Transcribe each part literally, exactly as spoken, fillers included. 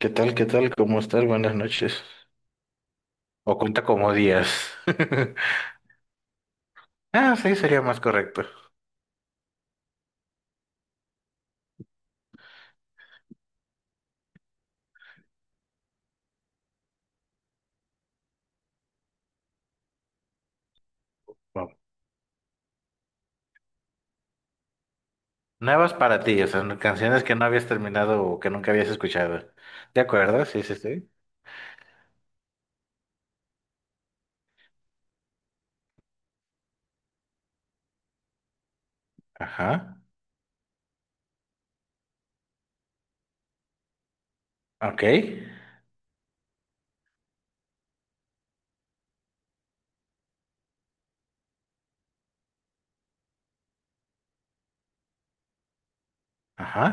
¿Qué tal? ¿Qué tal? ¿Cómo estás? Buenas noches. O cuenta como días. Ah, sí, sería más correcto. Bueno, nuevas para ti, o sea, no- canciones que no habías terminado o que nunca habías escuchado. ¿De acuerdo? Sí, sí, sí. Ajá. Ok. Ajá.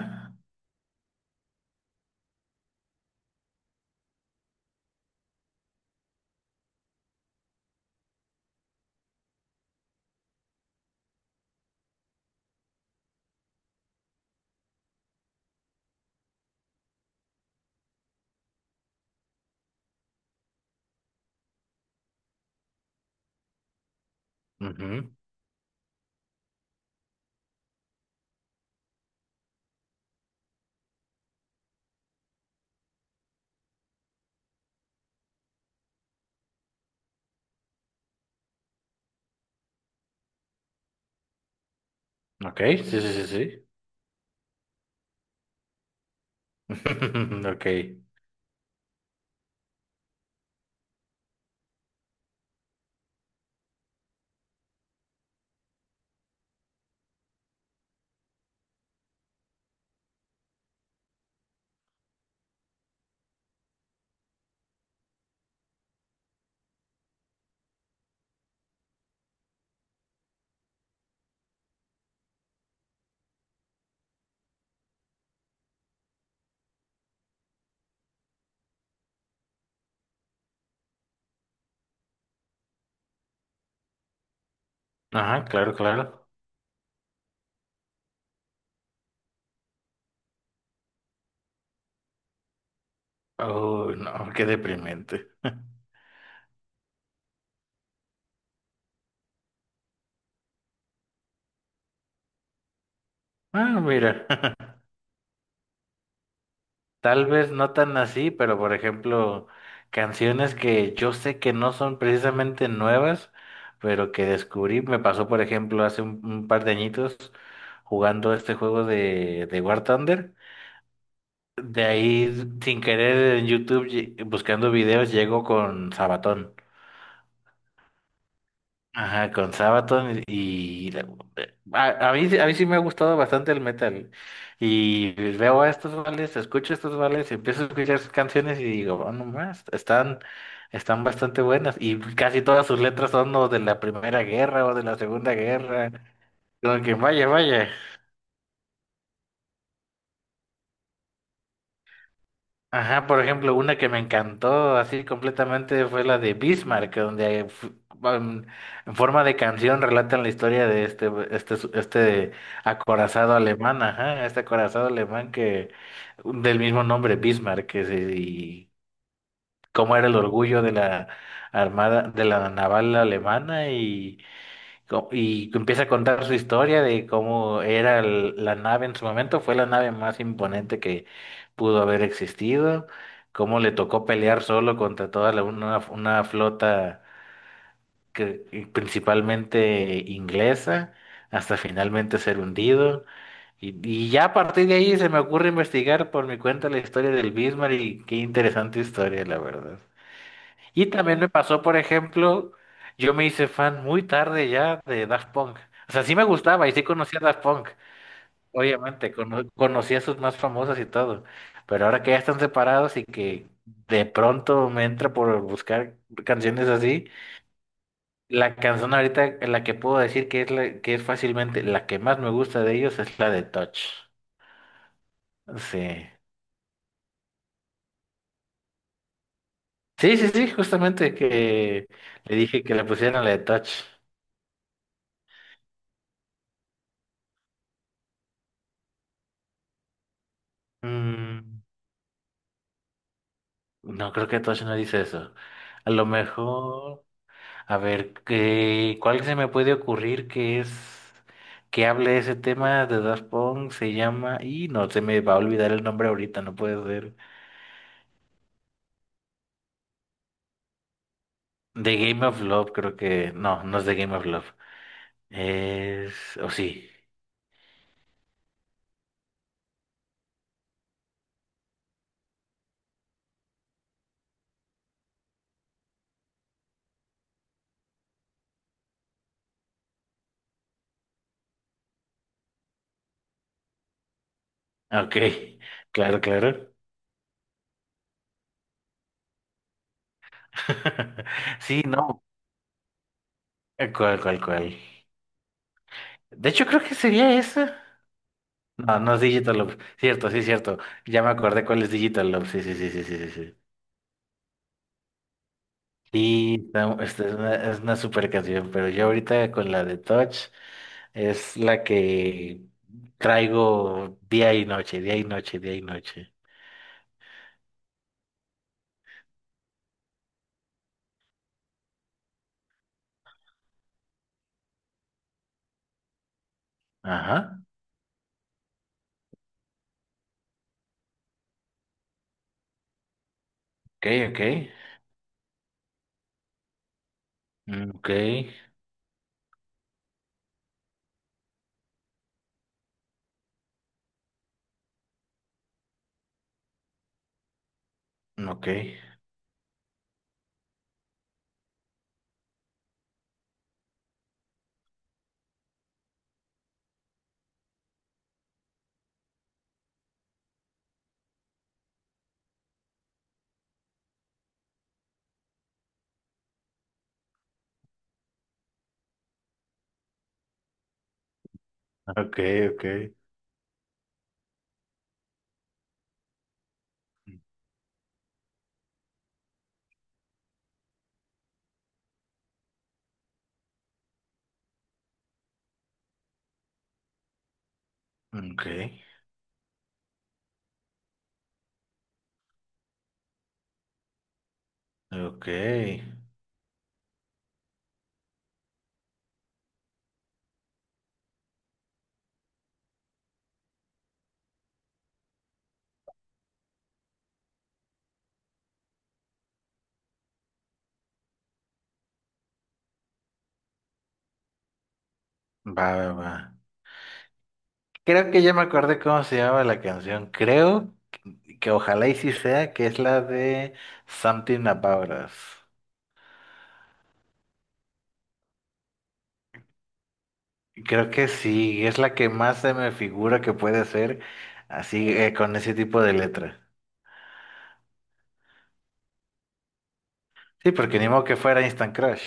Ujú. Ok. Sí, sí, sí, sí. Ok. Ajá, claro, claro. Oh, no, qué deprimente. Ah, mira. Tal vez no tan así, pero por ejemplo, canciones que yo sé que no son precisamente nuevas, pero que descubrí, me pasó por ejemplo hace un, un par de añitos jugando este juego de, de War Thunder. De ahí, sin querer, en YouTube, lle- buscando videos, llego con Sabatón. Ajá, con Sabaton y y la- a, a mí, sí- a mí sí me ha gustado bastante el metal. Y veo a estos vales, escucho estos vales, empiezo a escuchar sus canciones y digo, oh, no más, están, están bastante buenas. Y casi todas sus letras son o de la Primera Guerra o de la Segunda Guerra. Como que vaya, vaya. Ajá, por ejemplo, una que me encantó así completamente fue la de Bismarck, donde fu- um, en forma de canción relatan la historia de este, este, su- este acorazado alemán, ajá, este acorazado alemán que del mismo nombre, Bismarck, que se- y cómo era el orgullo de la armada, de la naval alemana y co- y que empieza a contar su historia de cómo era el- la nave en su momento. Fue la nave más imponente que pudo haber existido, cómo le tocó pelear solo contra toda la- una, una flota que, y principalmente inglesa, hasta finalmente ser hundido. Y, y ya a partir de ahí se me ocurre investigar por mi cuenta la historia del Bismarck y qué interesante historia, la verdad. Y también me pasó, por ejemplo, yo me hice fan muy tarde ya de Daft Punk. O sea, sí me gustaba y sí conocía a Daft Punk. Obviamente, cono- conocía a sus más famosas y todo. Pero ahora que ya están separados y que de pronto me entra por buscar canciones así, la canción ahorita, la que puedo decir que es la, que es fácilmente la que más me gusta de ellos es la de Touch. Sí. Sí, sí, sí, justamente que le dije que le pusieran la de Touch. Mm. No creo que Tosh no dice eso. A lo mejor, a ver, ¿qué- ¿cuál se me puede ocurrir que es que hable ese tema de Daft Punk? Se llama, y no se me va a olvidar el nombre ahorita, no puede ser. The Game of Love, creo que, no, no es The Game of Love. Es, o sí. Ok, claro, claro. Sí, no, cuál, cuál, cuál. De hecho, creo que sería esa. No, no es Digital Love. Cierto, sí, cierto. Ya me acordé cuál es Digital Love. Sí, sí, sí, sí, sí, sí. Sí, sí, está- esta es una, es una super canción, pero yo ahorita con la de Touch es la que traigo día y noche, día y noche, día y noche. Ajá. Ok, ok. Mm, ok, ok, ok, ok. Ok, ok. Va, va, va. Creo que ya me acordé cómo se llama la canción. Creo. Que ojalá y sí sea, que es la de Something About Us. Creo que sí, es la que más se me figura que puede ser así eh, con ese tipo de letra. Sí, porque ni modo que fuera Instant Crush.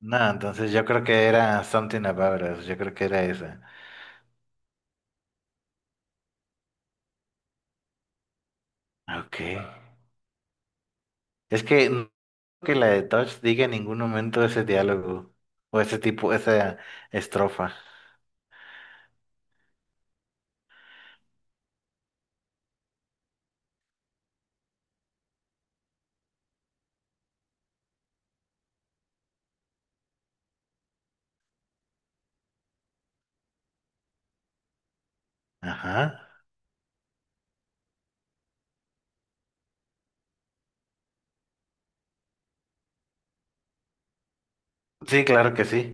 No, entonces yo creo que era Something About Us, yo creo que era esa. Ah, ok. Es que no creo que la de Touch diga en ningún momento ese diálogo o ese tipo, esa estrofa. Ajá. Sí, claro que sí.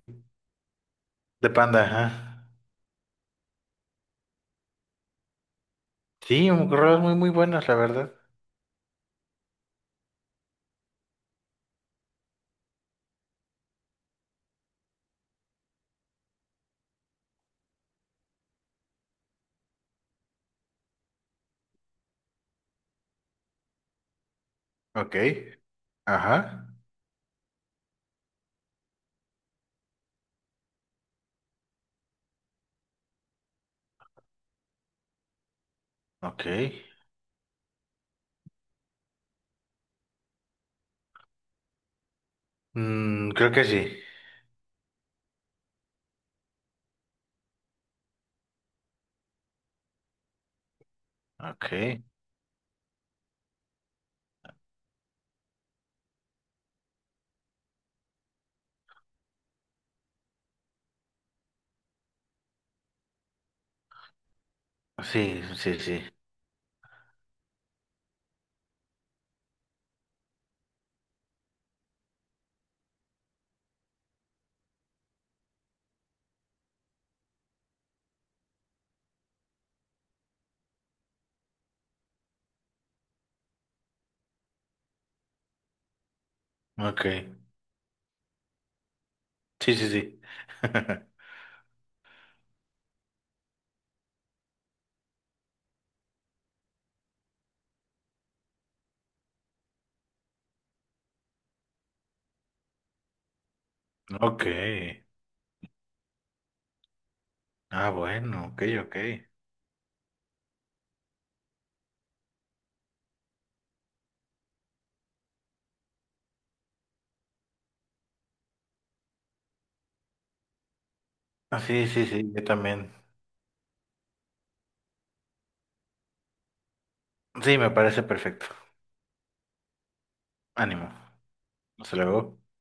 De Panda, ajá. Sí, rolas muy, muy buenas, la verdad. Ok, ajá, ok. Mm, creo que sí. Ok, sí, sí, sí. Ok, sí, sí, sí. Ok, ah, bueno, ok, ok. Ah, sí, sí, sí, yo también. Sí, me parece perfecto. Ánimo. Hasta luego.